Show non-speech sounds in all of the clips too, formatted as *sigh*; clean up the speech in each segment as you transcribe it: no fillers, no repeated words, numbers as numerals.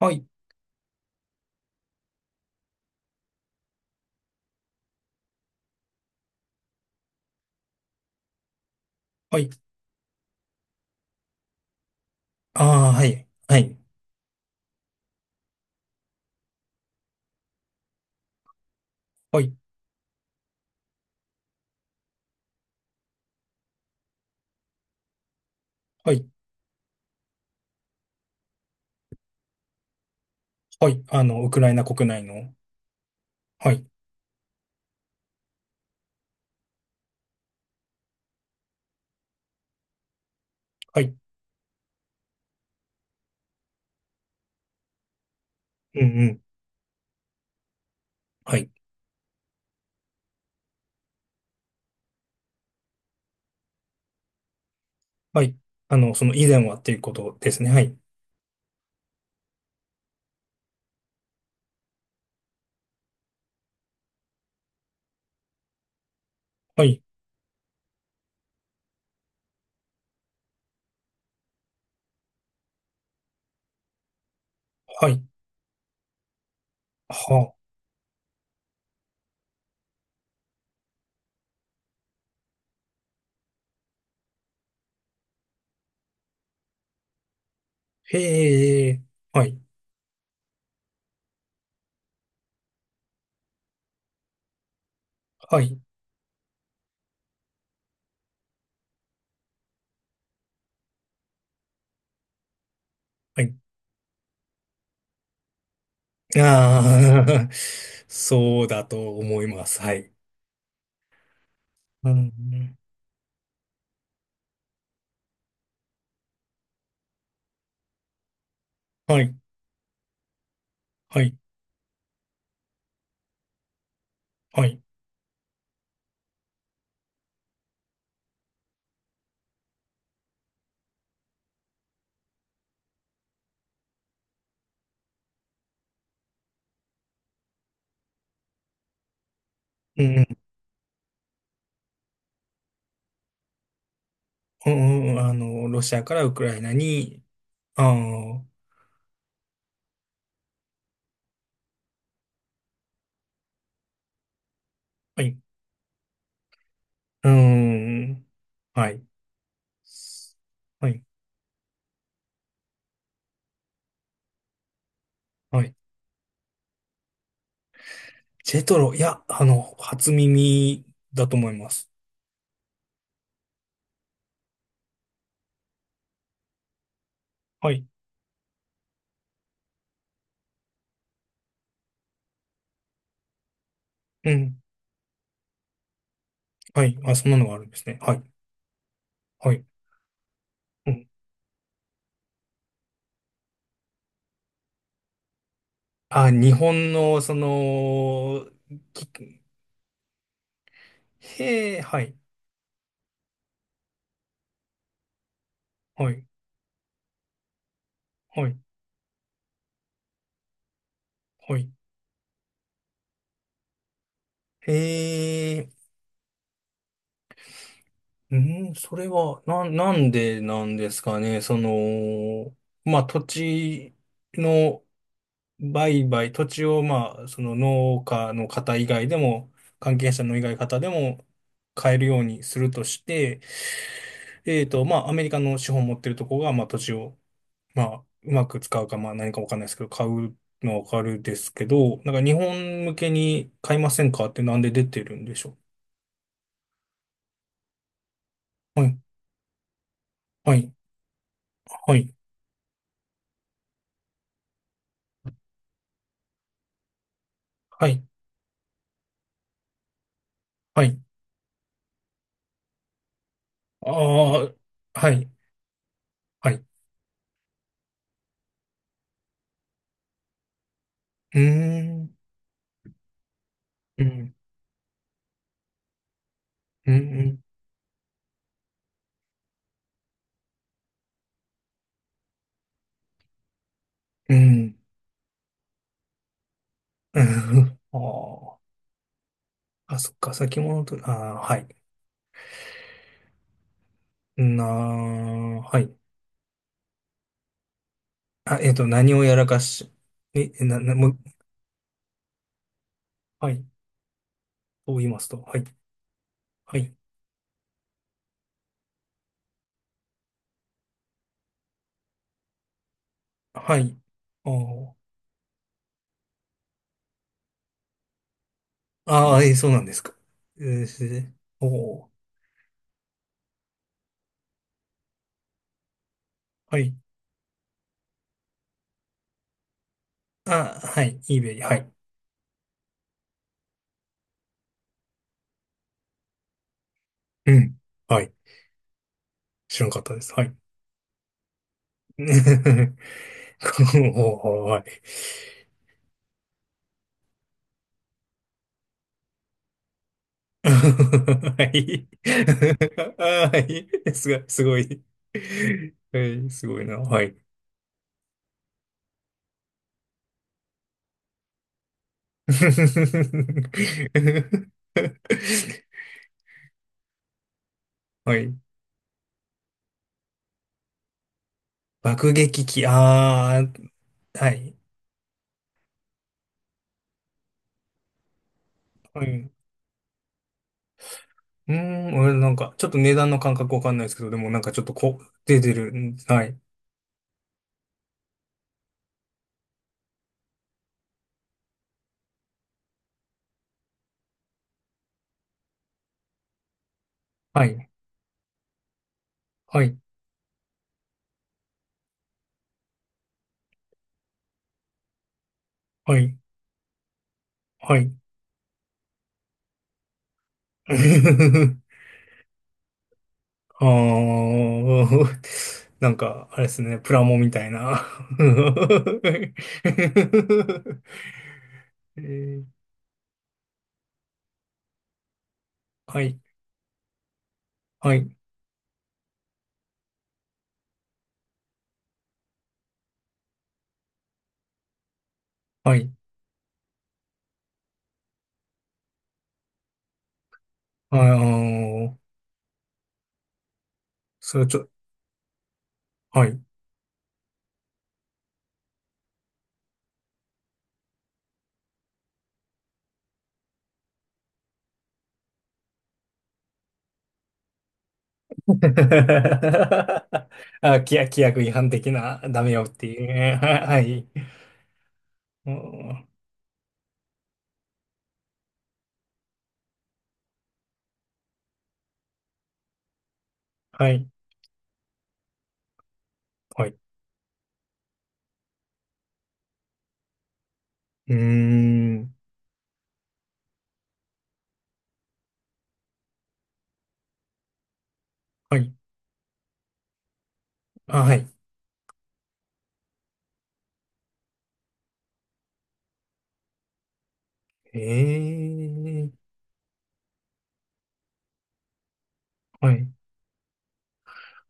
はい、はい。ああ、はい、はい、はい、はい、はい。ウクライナ国内の、はい、はい、うんうん、はい、はい。その以前はっていうことですね。はい、はい、はい、はあ、へえ、はい、はい、はい。ああ、*laughs* そうだと思います。はい。うん、はい、はい、はい。うん、うん、うん、ロシアからウクライナに、ああ、はい、うん、はい。はい。はい。ジェトロ、いや、初耳だと思います。はい。うん。はい。あ、そんなのがあるんですね。はい。はい。うん。あ、日本の、その、きへえ、はい。はい。はい。はい。へえ、うん、それは、なんでなんですかね。その、まあ、土地の、売買、土地を、まあ、その農家の方以外でも、関係者の以外の方でも買えるようにするとして、まあ、アメリカの資本を持ってるとこが、まあ、土地を、まあ、うまく使うか、まあ、何かわかんないですけど、買うのはわかるですけど、なんか日本向けに買いませんかってなんで出てるんでしょう。はい、はい、はい、はい、はい。ああ、はい、はい。うーん、うん、うん、うん、うん。*laughs* ああー。あ、そっか、先物取り、あー、はい。なー、はい。あ、何をやらかし、え、な、もう、はい。と言いますと、はい。はい。はい。あーあー、そうなんですか。それで、おー、はい。あ、はい。eBay、はい。うん。はい。知らんかったです。はい。*laughs* おー、はい。はい。*laughs* はい。すごい、すごい。はい、すごいな。はい。*laughs* はい。爆撃機、あー、はい。はい。うーん、俺なんか、ちょっと値段の感覚わかんないですけど、でもなんかちょっとこう、出てる。うん、はい。はい。はい。はい。はい。*laughs* あー、*laughs* なんか、あれですね、プラモみたいな。*laughs* えーはい。はい。はい。あー、それちょ、はい。*laughs* あ、規約違反的な、ダメよっていうね。*laughs* ははい。うん、はい。はい。うーん。はい。あ、はい。ええ、はい。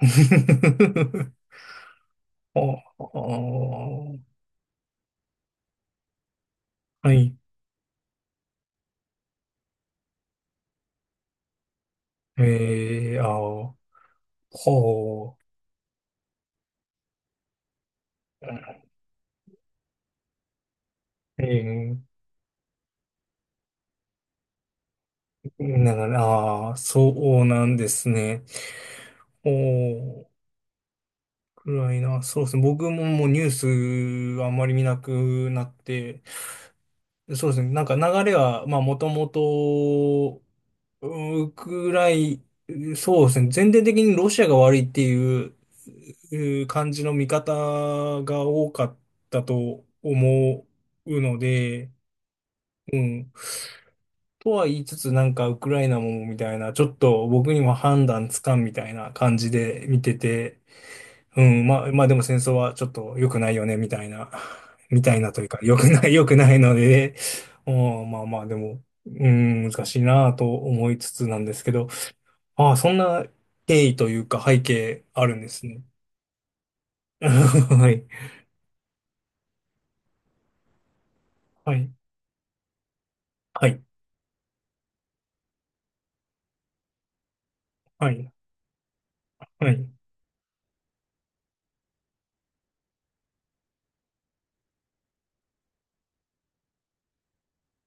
*laughs* お、はい。ええ、あ、ほう。ええながら、ああ、そうなんですね。おー、暗いな。そうですね。僕ももうニュースあんまり見なくなって、そうですね。なんか流れは、まあ、もともと、うん、ウクライ、そうですね。全体的にロシアが悪いっていうう感じの見方が多かったと思うので、うん。とは言いつつ、なんかウクライナもみたいな、ちょっと僕にも判断つかんみたいな感じで見てて、うん、まあ、まあでも戦争はちょっと良くないよね、みたいな、みたいなというか、良くない、良くないので、うん、まあまあでも、うん、難しいなと思いつつなんですけど、ああ、そんな経緯というか背景あるんですね。*laughs* はい、はい、はい、はい、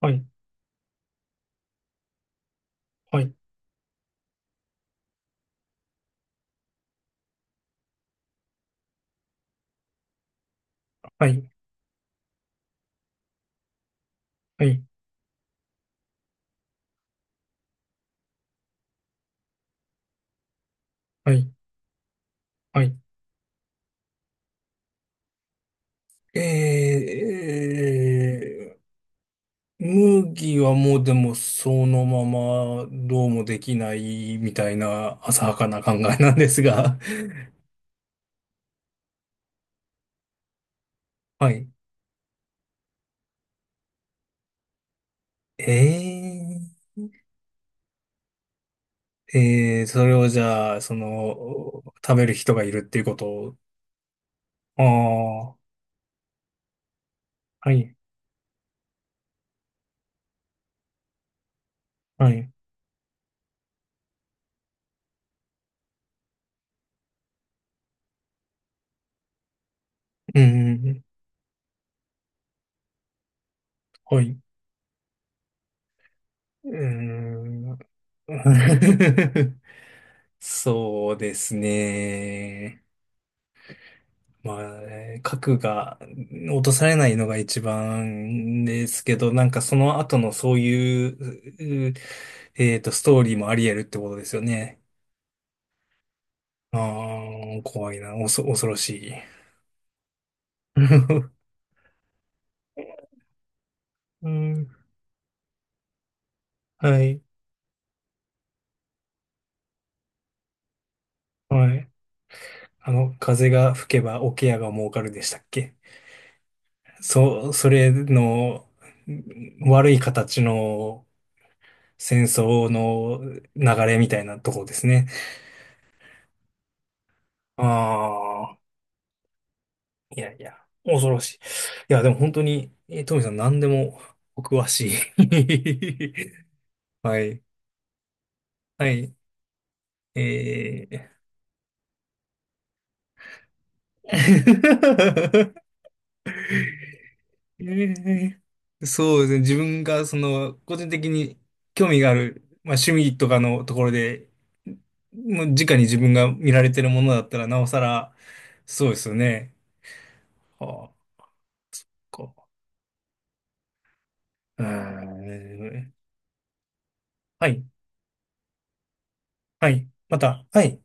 はい、はい、はい、はい、はい、はい、はい。えー麦はもうでもそのままどうもできないみたいな浅はかな考えなんですが。*laughs* はい。えそれをじゃあ、その、食べる人がいるっていうことを。ああ、はい、はい。うん、はい。うーん。*laughs* そうですね。まあね、核が落とされないのが一番ですけど、なんかその後のそういう、ストーリーもあり得るってことですよね。ああ、怖いな、恐ろしい。*laughs* うん、はい、はい。風が吹けば桶屋が儲かるでしたっけ。それのうん、悪い形の戦争の流れみたいなとこですね。ああ。いやいや、恐ろしい。いや、でも本当に、トミさん何でもお詳しい。*laughs* はい。はい。えー *laughs* えーそうですね。自分が、その、個人的に興味がある、まあ、趣味とかのところで、もう直に自分が見られてるものだったら、なおさら、そうですよね。はあ、こう。うーん。はい。はい。また。はい。